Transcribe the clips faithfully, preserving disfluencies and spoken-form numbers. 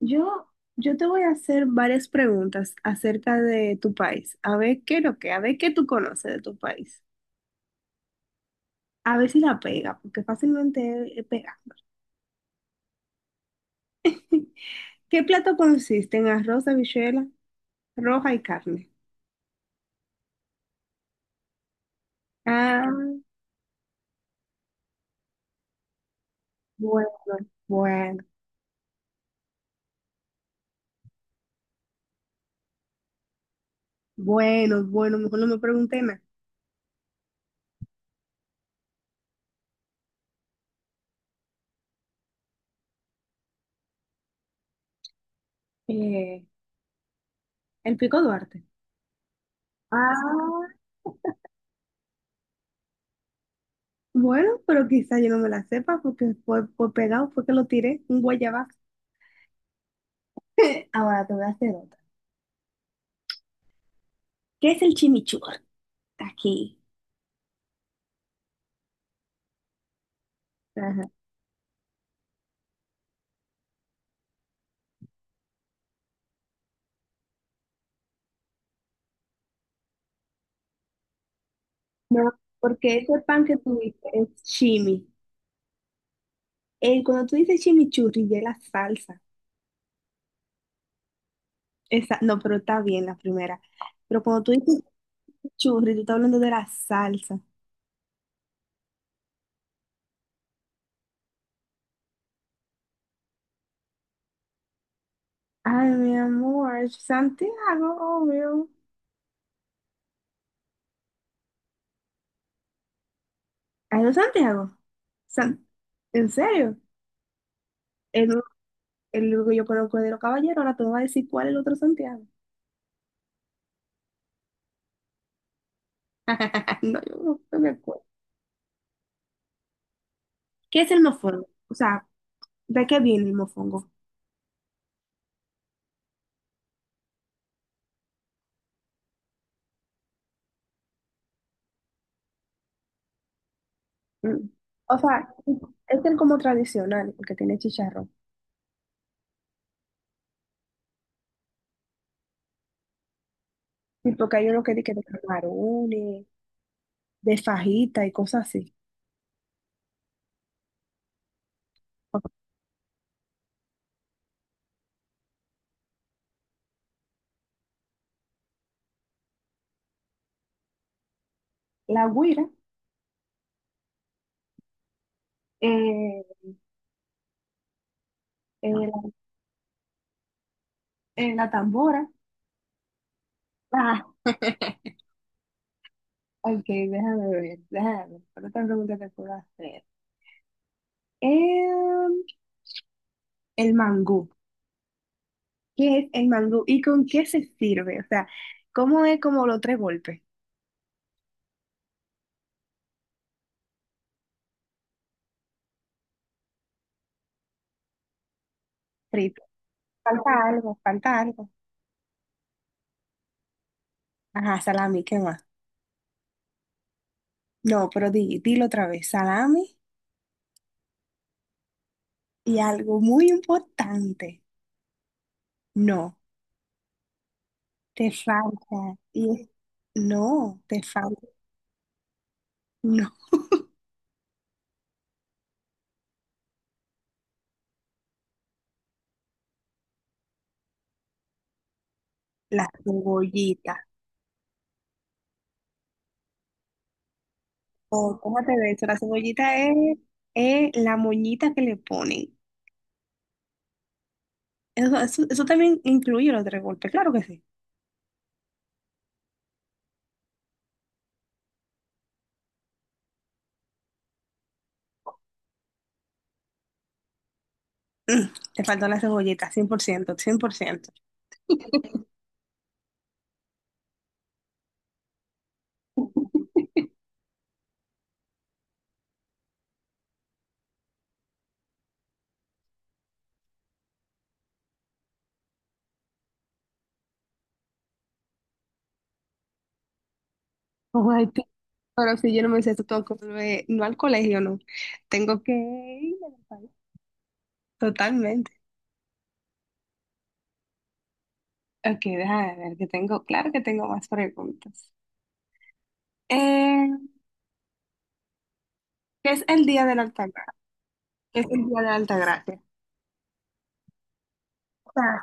Yo, yo te voy a hacer varias preguntas acerca de tu país, a ver qué es lo que, a ver qué tú conoces de tu país, a ver si la pega, porque fácilmente eh, pega. ¿Qué plato consiste en arroz, habichuela, roja y carne? Ah, bueno, bueno, bueno, bueno, mejor no me pregunté nada. Eh, el pico Duarte. Ah, bueno, pero quizá yo no me la sepa porque fue, fue pegado, fue que lo tiré, un guayabazo. Ahora te voy a hacer otra. ¿Qué es el chimichurri aquí? Ajá. No, porque ese pan que tú dices es chimi. Eh, cuando tú dices chimichurri, ya es la salsa. Esa, no, pero está bien la primera. Pero cuando tú dices chimichurri tú estás hablando de la salsa. Ay, mi amor, Santiago, obvio. Ay, no, Santiago. San- ¿En serio? El, el único que yo conozco es de los caballeros, ahora tú me vas a decir cuál es el otro Santiago. No, yo no, no me acuerdo. ¿Qué es el mofongo? O sea, ¿de qué viene el mofongo? Mm. O sea, este es como tradicional, el que tiene chicharrón. Y porque hay uno que dice que de camarones, de fajita y cosas así. La guira, eh, eh, la, eh, la tambora. Ah, ok, déjame ver, déjame ver. ¿Cuál otra pregunta te puedo hacer? Em, el mangú. ¿Qué es el mangú y con qué se sirve? O sea, ¿cómo es como los tres golpes? Frito. Falta algo, falta algo. Ajá, salami, ¿qué más? No, pero di, dilo otra vez. Salami. Y algo muy importante, no, te falta, y es- no, te falta, no, la cebollita. O ¿cómo te ves? La cebollita es, es la moñita que le ponen. Eso, eso, eso también incluye los tres golpes, claro que sí. Mm, te faltó la cebollita, cien por ciento, cien por ciento. Ay, tú, pero si yo no me sé esto, tengo que volver, no al colegio, no. Tengo que ir al país. Totalmente. Ok, déjame ver que tengo, claro que tengo más preguntas. Que es el Día de la Altagracia, que es el Día de la Altagracia. O sea,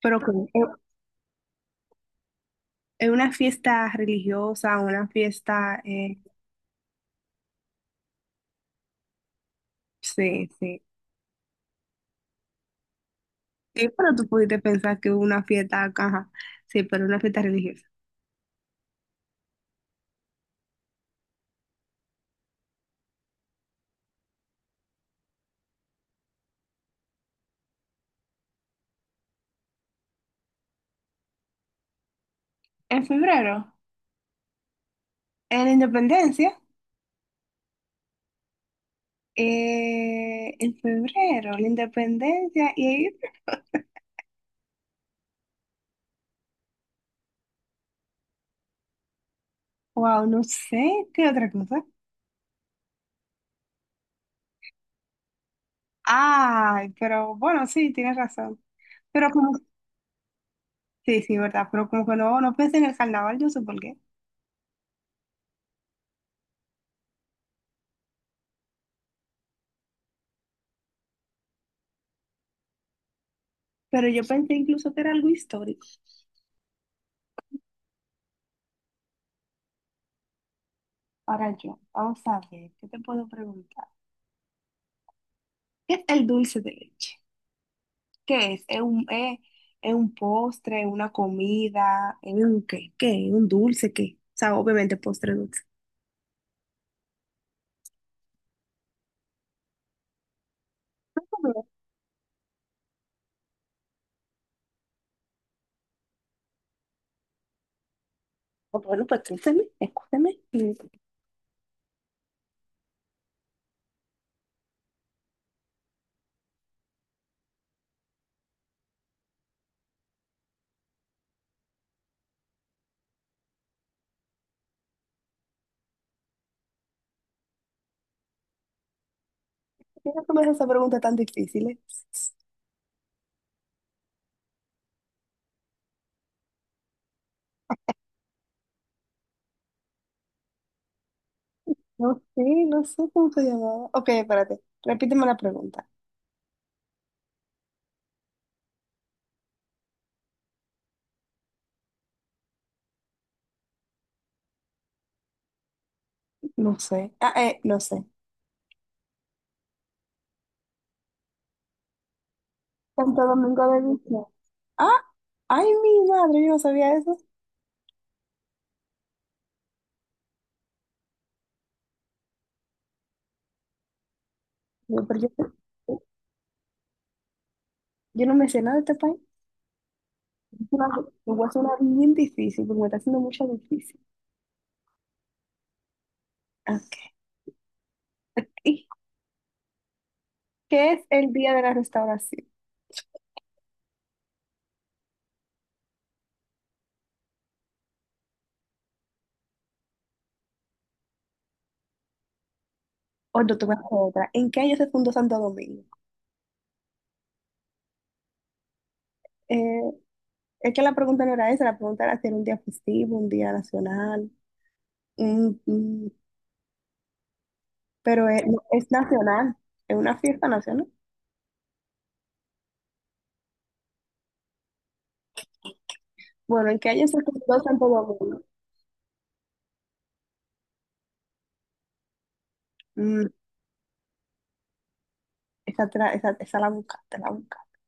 pero que es es una fiesta religiosa, una fiesta, eh, sí, sí. Sí, pero tú pudiste pensar que una fiesta, caja, sí, pero una fiesta religiosa. En febrero, en la independencia, eh, en febrero, la independencia y, wow, no sé, ¿qué otra cosa? Ay, pero bueno, sí, tienes razón. Pero como, sí, sí, verdad, pero como que no, no pensé en el carnaval, yo sé por qué. Pero yo pensé incluso que era algo histórico. Ahora yo, vamos a ver, ¿qué te puedo preguntar? ¿Qué es el dulce de leche? ¿Qué es? ¿Es un, es, es un postre, una comida? ¿Es un qué? ¿Qué? ¿Un dulce? ¿Qué? O sea, obviamente postre dulce. Oh, bueno, pues escúchame, escúchame. ¿Por qué no me haces esa pregunta tan difícil, eh? No sé, no sé cómo se llamaba. Ok, espérate, repíteme la pregunta. No sé. Ah, eh, no sé. Santo Domingo de Guzmán. Ah, ay, mi madre, yo no sabía eso. Yo, pero yo, yo no me sé nada de este país. Es una- Me voy a hacer una bien difícil, porque me está haciendo mucho difícil. Ok. ¿Y qué es el Día de la Restauración? O no, te voy a hacer otra. ¿En qué año se fundó Santo Domingo? Eh, es que la pregunta no era esa, la pregunta era si era un día festivo, un día nacional. Mm, mm, pero es, no, es nacional, es una fiesta nacional. Bueno, ¿en qué año se fundó Santo Domingo? Mm, esa, te la- esa, esa la buscaste, la buscaste.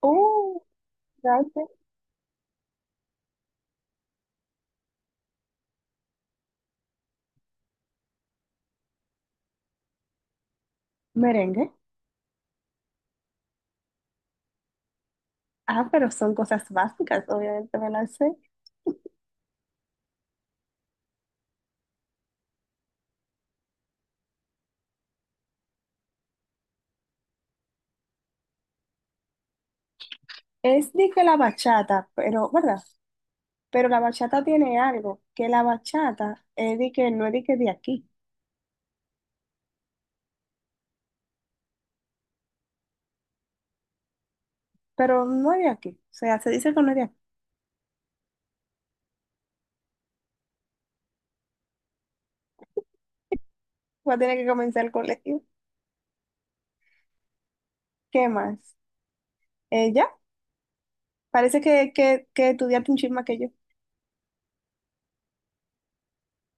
¡Oh! ¿Sabes qué? Merengue. Ah, pero son cosas básicas, obviamente me las sé. Es de que la bachata, pero, ¿verdad? Pero la bachata tiene algo, que la bachata es de que no es de que de aquí, pero no es de aquí. O sea, se dice que no es de aquí. Va a tener que comenzar el colegio. ¿Qué más? Eh, ya, parece que, que, que estudiaste un chisme que yo.